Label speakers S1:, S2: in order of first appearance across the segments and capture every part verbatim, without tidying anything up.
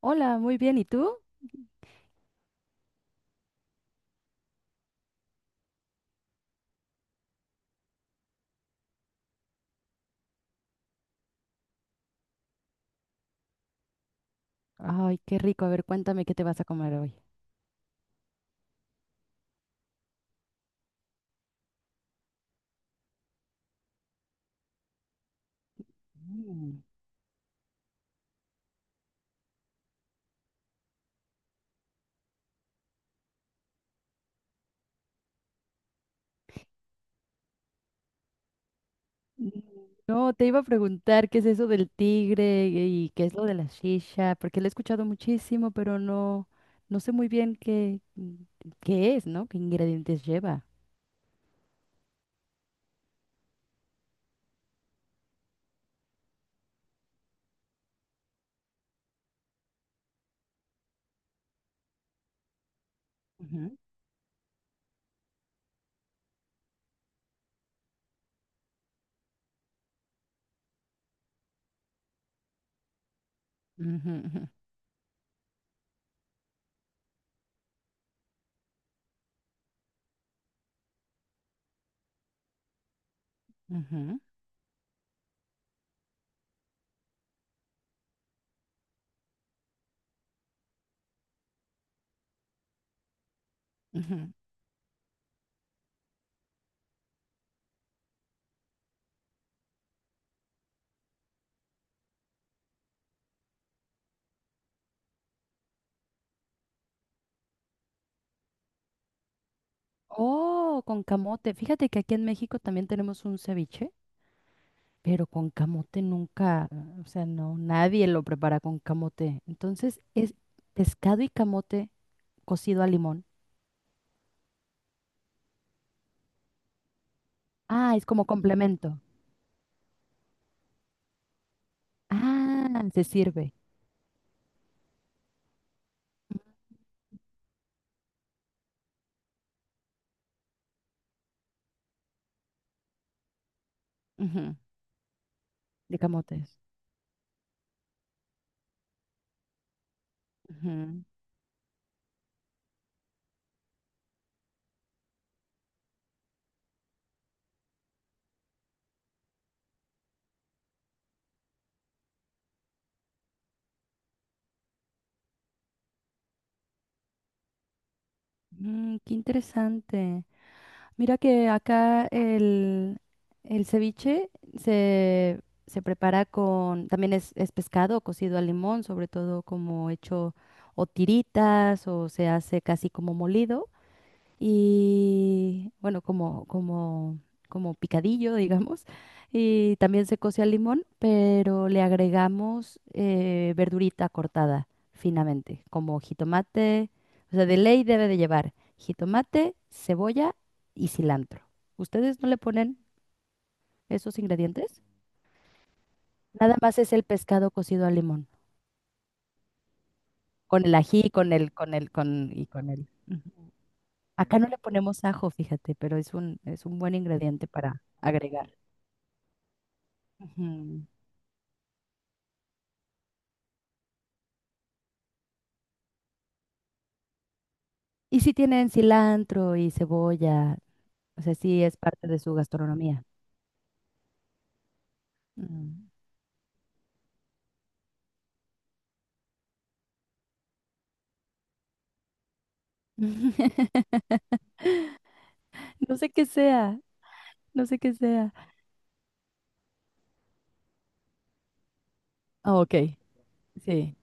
S1: Hola, muy bien. ¿Y tú? Ay, qué rico. A ver, cuéntame qué te vas a comer hoy. Mm. Mm, no, te iba a preguntar qué es eso del tigre y qué es lo de la shisha, porque lo he escuchado muchísimo, pero no, no sé muy bien qué, qué es, ¿no? ¿Qué ingredientes lleva? Ujú. Ujú, ujú. Ujú, ujú. Oh, con camote. Fíjate que aquí en México también tenemos un ceviche, pero con camote nunca, o sea, no, nadie lo prepara con camote. Entonces es pescado y camote cocido a limón. Ah, es como complemento. Ah, se sirve. Ujú, de camotes. Ujú. Mm, qué interesante. Mira que acá el, el ceviche se, se prepara con, también es, es pescado cocido al limón, sobre todo como hecho o tiritas o se hace casi como molido y bueno, como, como, como picadillo, digamos, y también se coce al limón, pero le agregamos eh, verdurita cortada finamente, como jitomate, o sea, de ley debe de llevar jitomate, cebolla y cilantro. ¿Ustedes no le ponen esos ingredientes? Nada más es el pescado cocido al limón, con el ají, con el, con el, con, y con el. Ujú. Acá no le ponemos ajo, fíjate, pero es un, es un buen ingrediente para agregar. Ujú. Y si tienen cilantro y cebolla, o sea, sí es parte de su gastronomía. Mm. No sé qué sea, no sé qué sea. Ah, ok, sí.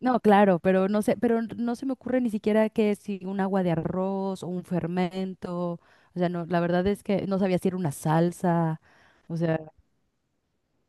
S1: No, claro, pero no sé, pero no se me ocurre ni siquiera que si un agua de arroz o un fermento, o sea, no, la verdad es que no sabía si era una salsa, o sea,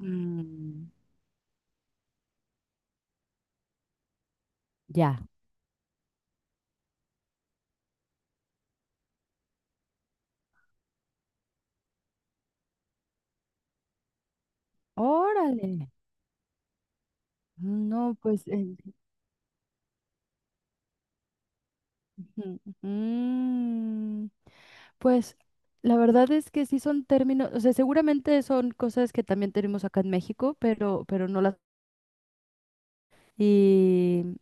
S1: mm, ya. Órale. No, pues, eh, ujú, ujú. Pues la verdad es que sí son términos, o sea, seguramente son cosas que también tenemos acá en México, pero, pero no las... Y,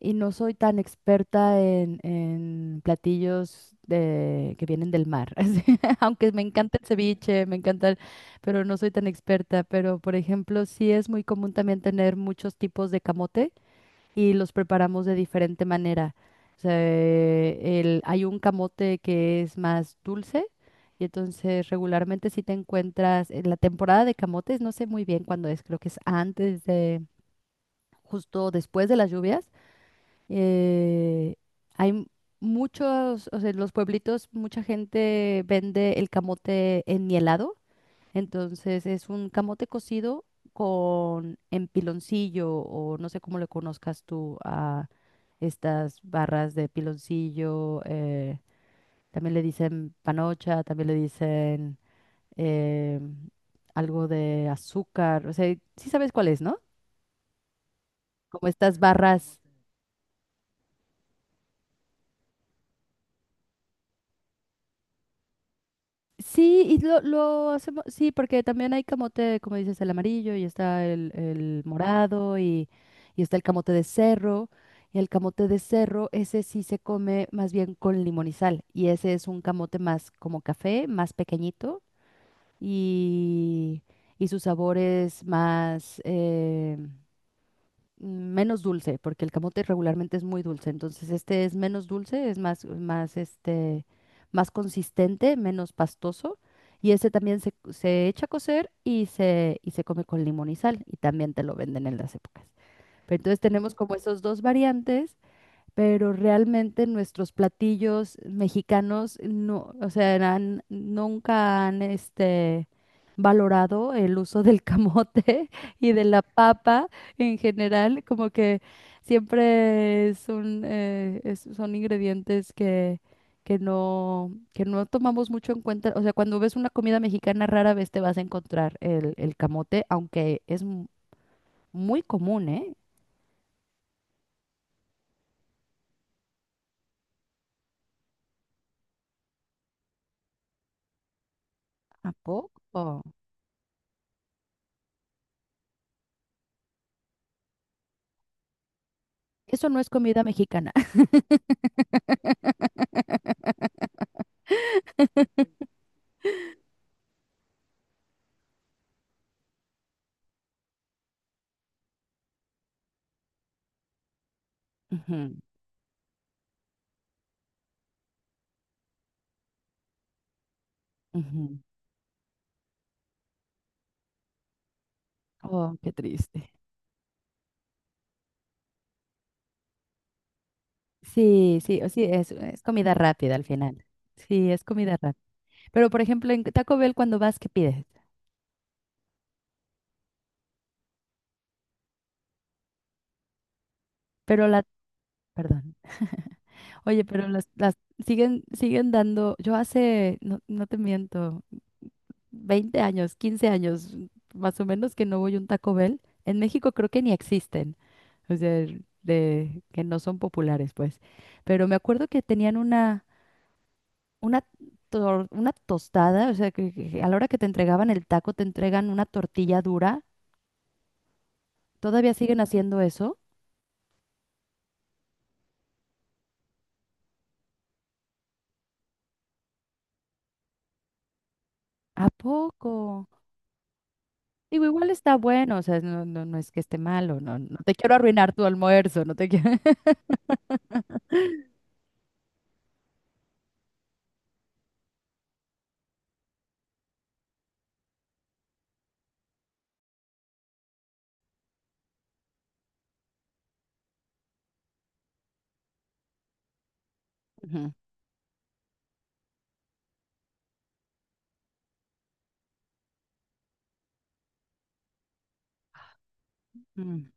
S1: y no soy tan experta en, en platillos de, que vienen del mar, así, aunque me encanta el ceviche, me encanta, el- pero no soy tan experta, pero por ejemplo, sí es muy común también tener muchos tipos de camote y los preparamos de diferente manera. O sea, el- hay un camote que es más dulce y entonces regularmente si te encuentras en la temporada de camotes, no sé muy bien cuándo es, creo que es antes de, justo después de las lluvias, eh, hay m- muchos, o sea, en los pueblitos mucha gente vende el camote enmielado, entonces es un camote cocido con empiloncillo o no sé cómo le conozcas tú a estas barras de piloncillo. Eh, también le dicen panocha, también le dicen eh, algo de azúcar. O sea, sí sabes cuál es, ¿no? Como estas barras. Sí, y lo, lo hacemos, sí, porque también hay camote, como dices, el amarillo y está el, el morado y, y está el camote de cerro. Y el camote de cerro, ese sí se come más bien con limón y sal. Y ese es un camote más como café, más pequeñito y, y su sabor es más, em, menos dulce, porque el camote regularmente es muy dulce, entonces este es menos dulce, es más, más, este, más consistente, menos pastoso, y ese también se, se echa a cocer y se, y se come con limón y sal, y también te lo venden en las épocas. Pero entonces tenemos como esos dos variantes, pero realmente nuestros platillos mexicanos no, o sea, han- nunca han este, valorado el uso del camote y de la papa en general, como que siempre es un, eh, es- son ingredientes que, que no, que no tomamos mucho en cuenta. O sea, cuando ves una comida mexicana, rara vez te vas a encontrar el, el camote, aunque es mu- muy común, ¿eh? ¿A poco? Eso no es comida mexicana. Ujú, ujú. Oh, qué triste. Sí, sí, o sí, es, es comida rápida al final. Sí, es comida rápida. Pero, por ejemplo, en Taco Bell cuando vas, ¿qué pides? Pero la, perdón. Oye, pero las, las siguen, siguen dando, yo hace, no, no te miento, veinte años, quince años, más o menos que no voy a un Taco Bell. En México creo que ni existen. O sea, de que no son populares, pues. Pero me acuerdo que tenían una. una, tor- una tostada, o sea, que, que a la hora que te entregaban el taco, te entregan una tortilla dura. ¿Todavía siguen haciendo eso? ¿A poco? Digo, igual está bueno, o sea, no, no, no es que esté malo, no, no te quiero arruinar tu almuerzo, no te quiero... Ujú. Mm.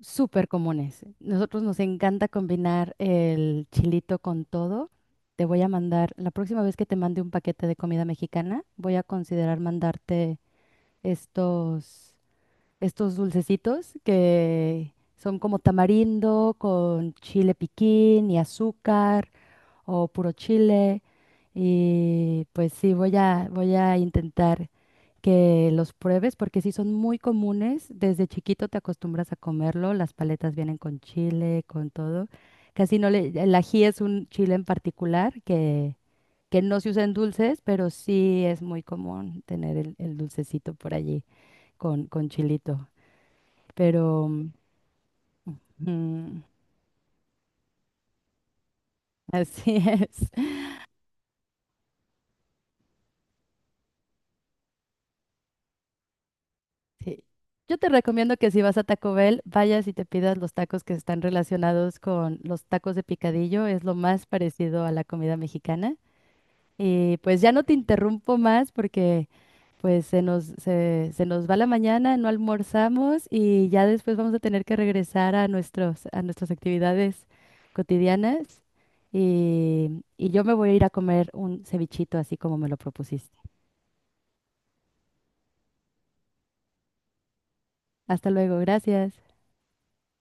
S1: Súper comunes. Nosotros nos encanta combinar el chilito con todo. Te voy a mandar, la próxima vez que te mande un paquete de comida mexicana, voy a considerar mandarte estos estos dulcecitos que son como tamarindo con chile piquín y azúcar o puro chile. Y pues sí, voy a, voy a intentar que los pruebes porque sí son muy comunes. Desde chiquito te acostumbras a comerlo. Las paletas vienen con chile, con todo. Casi no le, el ají es un chile en particular que, que no se usa en dulces, pero sí es muy común tener el, el dulcecito por allí con, con chilito. Pero mm, así es. Sí. Yo te recomiendo que si vas a Taco Bell, vayas y te pidas los tacos que están relacionados con los tacos de picadillo. Es lo más parecido a la comida mexicana. Y pues ya no te interrumpo más porque pues se nos, se, se nos va la mañana, no almorzamos y ya después vamos a tener que regresar a nuestros, a nuestras actividades cotidianas. Y, y yo me voy a ir a comer un cevichito así como me lo propusiste. Hasta luego, gracias.